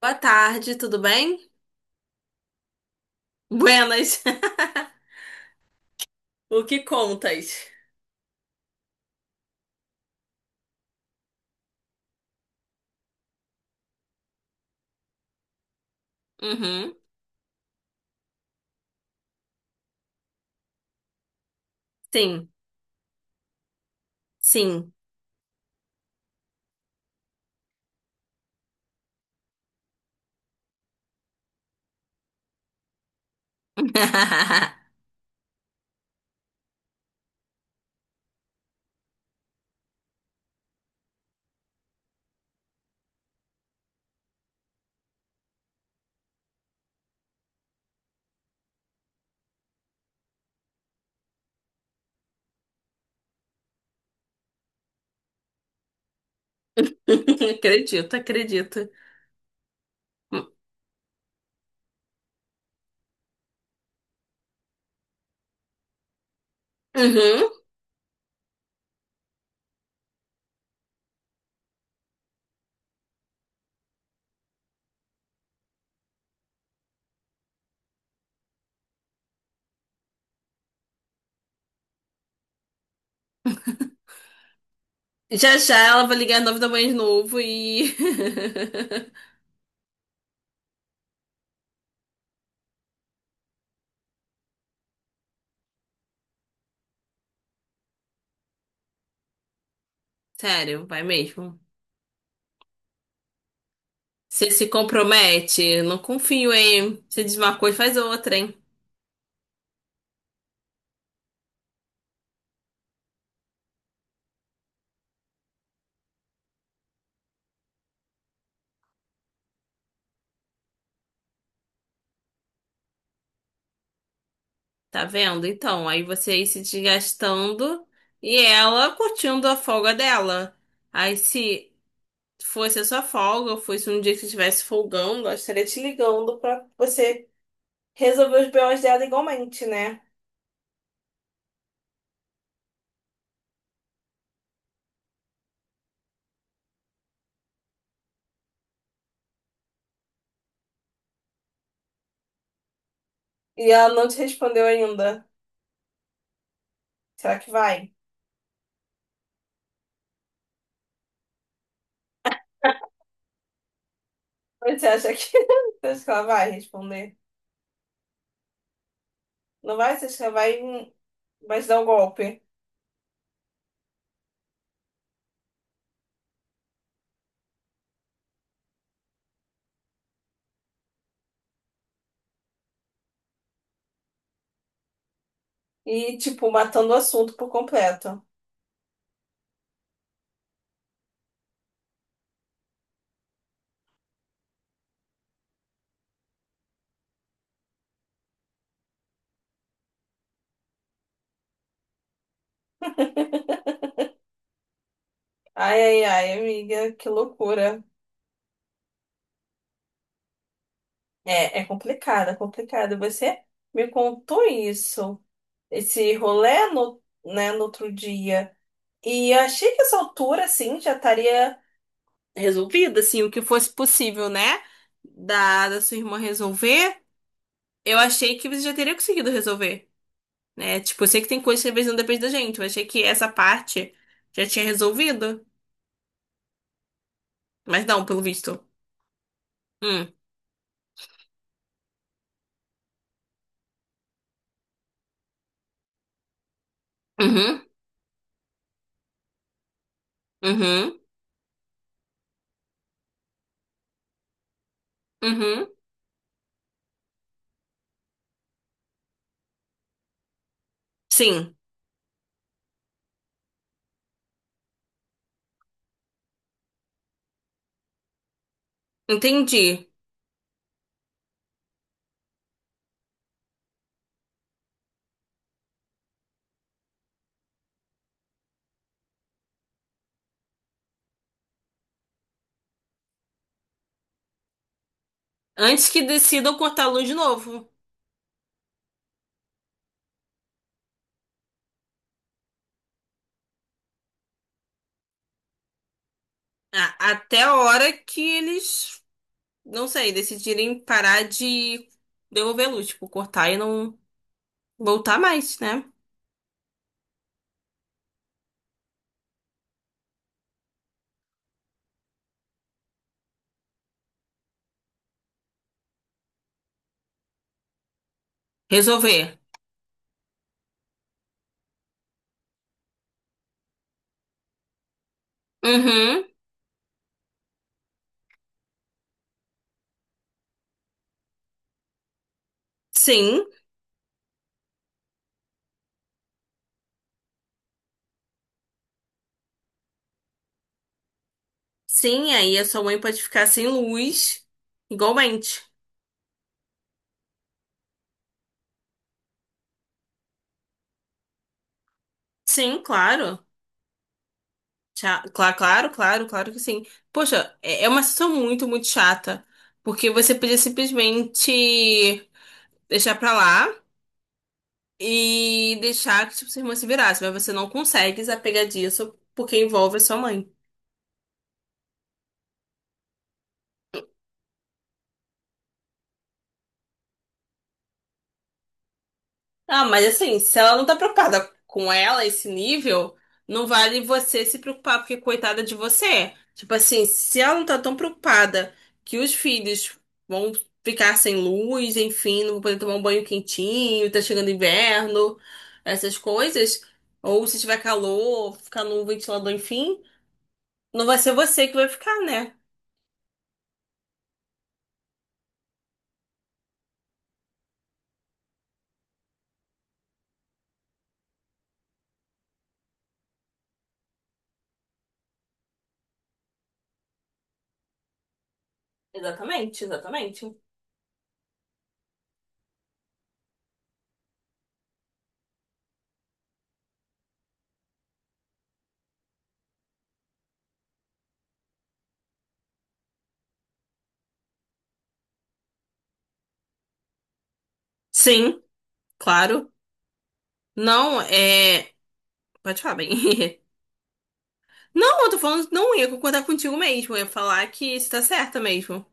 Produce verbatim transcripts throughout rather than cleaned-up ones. Boa tarde, tudo bem? Buenas. O que contas? Uhum. Sim, sim. Acredito, acredito. Uhum. Já já ela vai ligar nove da manhã de novo e. Sério, vai mesmo. Você se compromete, não confio, hein? Você diz uma coisa, faz outra, hein? Tá vendo? Então, aí você aí se desgastando e ela curtindo a folga dela. Aí se fosse a sua folga, ou fosse um dia que você estivesse folgando, ela estaria te ligando pra você resolver os bê ós dela igualmente, né? E ela não te respondeu ainda. Será que vai? Mas você acha que, você acha que ela vai responder? Não vai? Você acha que ela vai, vai te dar um golpe? E, tipo, matando o assunto por completo. Ai, ai, ai, amiga, que loucura. É, é complicado, é complicado. Você me contou isso, esse rolê no, né, no outro dia. E eu achei que essa altura, assim, já estaria resolvida, assim, o que fosse possível, né? Da, da sua irmã resolver, eu achei que você já teria conseguido resolver, né? Tipo, eu sei que tem coisas que às vezes não depende da gente, eu achei que essa parte já tinha resolvido, mas não, pelo visto. Hum. Uhum, uhum, uhum. Sim, entendi. Antes que decidam cortar a luz de novo. A- até a hora que eles, não sei, decidirem parar de devolver a luz, tipo, cortar e não. Voltar mais, né? Resolver. Uhum. Sim. Sim, aí a sua mãe pode ficar sem luz, igualmente. Sim, claro. Claro, claro, claro, claro que sim. Poxa, é é uma situação muito, muito chata. Porque você podia simplesmente deixar pra lá e deixar que tipo, sua irmã se virasse, mas você não consegue desapegar disso porque envolve a sua mãe. Ah, mas assim, se ela não tá preocupada com ela, esse nível, não vale você se preocupar, porque coitada de você. Tipo assim, se ela não tá tão preocupada que os filhos vão ficar sem luz, enfim, não vão poder tomar um banho quentinho, tá chegando inverno, essas coisas, ou se tiver calor, ficar num ventilador, enfim, não vai ser você que vai ficar, né? Exatamente, exatamente. Sim, claro. Não, é. Pode falar bem. Não, eu tô falando, não ia concordar contigo mesmo. Eu ia falar que isso tá certa mesmo.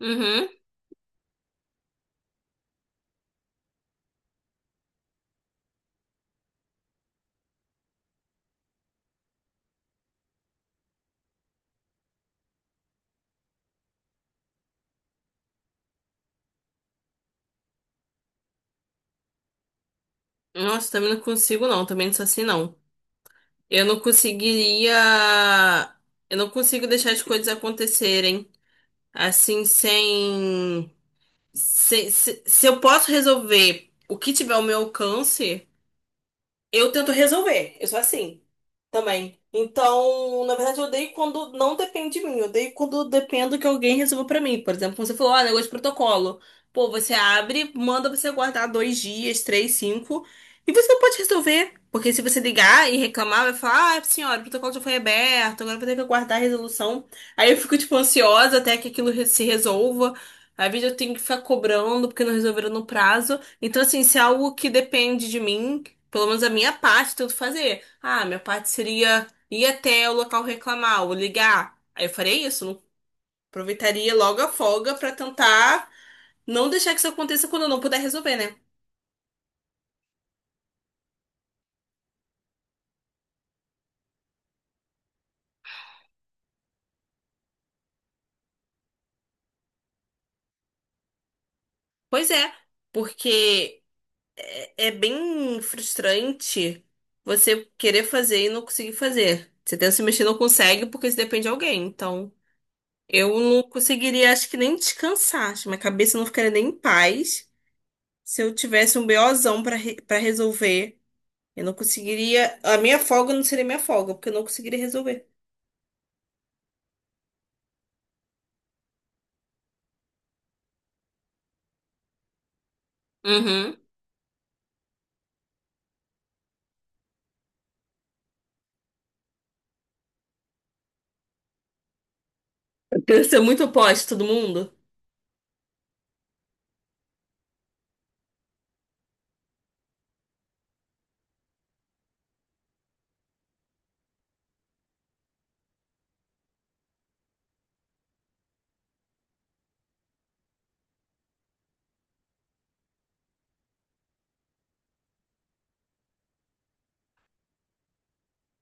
Uhum. Nossa, também não consigo, não. Também não sou assim, não. Eu não conseguiria. Eu não consigo deixar as coisas acontecerem assim, sem. Se, se, se eu posso resolver o que tiver ao meu alcance. Eu tento resolver, eu sou assim também. Então, na verdade, eu odeio quando não depende de mim, eu odeio quando dependo que alguém resolva pra mim. Por exemplo, quando você falou, ah, negócio de protocolo. Pô, você abre, manda você guardar dois dias, três, cinco, e você não pode resolver. Porque se você ligar e reclamar, vai falar, ah, senhora, o protocolo já foi aberto, agora eu vou ter que aguardar a resolução. Aí eu fico, tipo, ansiosa até que aquilo re- se resolva. Às vezes eu tenho que ficar cobrando porque não resolveram no prazo. Então, assim, se é algo que depende de mim, pelo menos a minha parte, tento fazer. Ah, minha parte seria ir até o local reclamar ou ligar. Aí eu faria isso, não- aproveitaria logo a folga pra tentar não deixar que isso aconteça quando eu não puder resolver, né? Pois é, porque é, é bem frustrante você querer fazer e não conseguir fazer. Você tenta se mexer e não consegue porque isso depende de alguém. Então, eu não conseguiria, acho que nem descansar. Acho que minha cabeça não ficaria nem em paz se eu tivesse um BOzão pra re- para resolver. Eu não conseguiria. A minha folga não seria minha folga, porque eu não conseguiria resolver. Uhum. Eu queria ser muito oposta de todo mundo.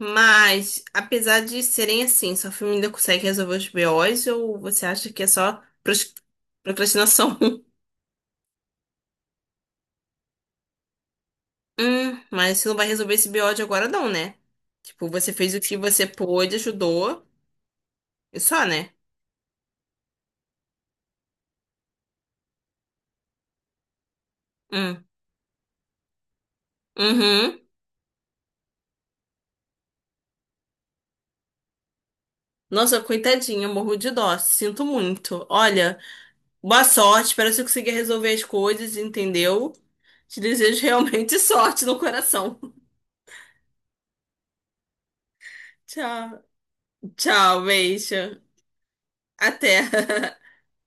Mas, apesar de serem assim, sua família ainda consegue resolver os bê ós ou você acha que é só pros- procrastinação? Hum, mas você não vai resolver esse bê ó de agora não, né? Tipo, você fez o que você pôde, ajudou e só, né? Hum. Uhum. Nossa, coitadinha, morro de dó, sinto muito. Olha, boa sorte, espero que você consiga resolver as coisas, entendeu? Te desejo realmente sorte no coração. Tchau, tchau, beijo. Até.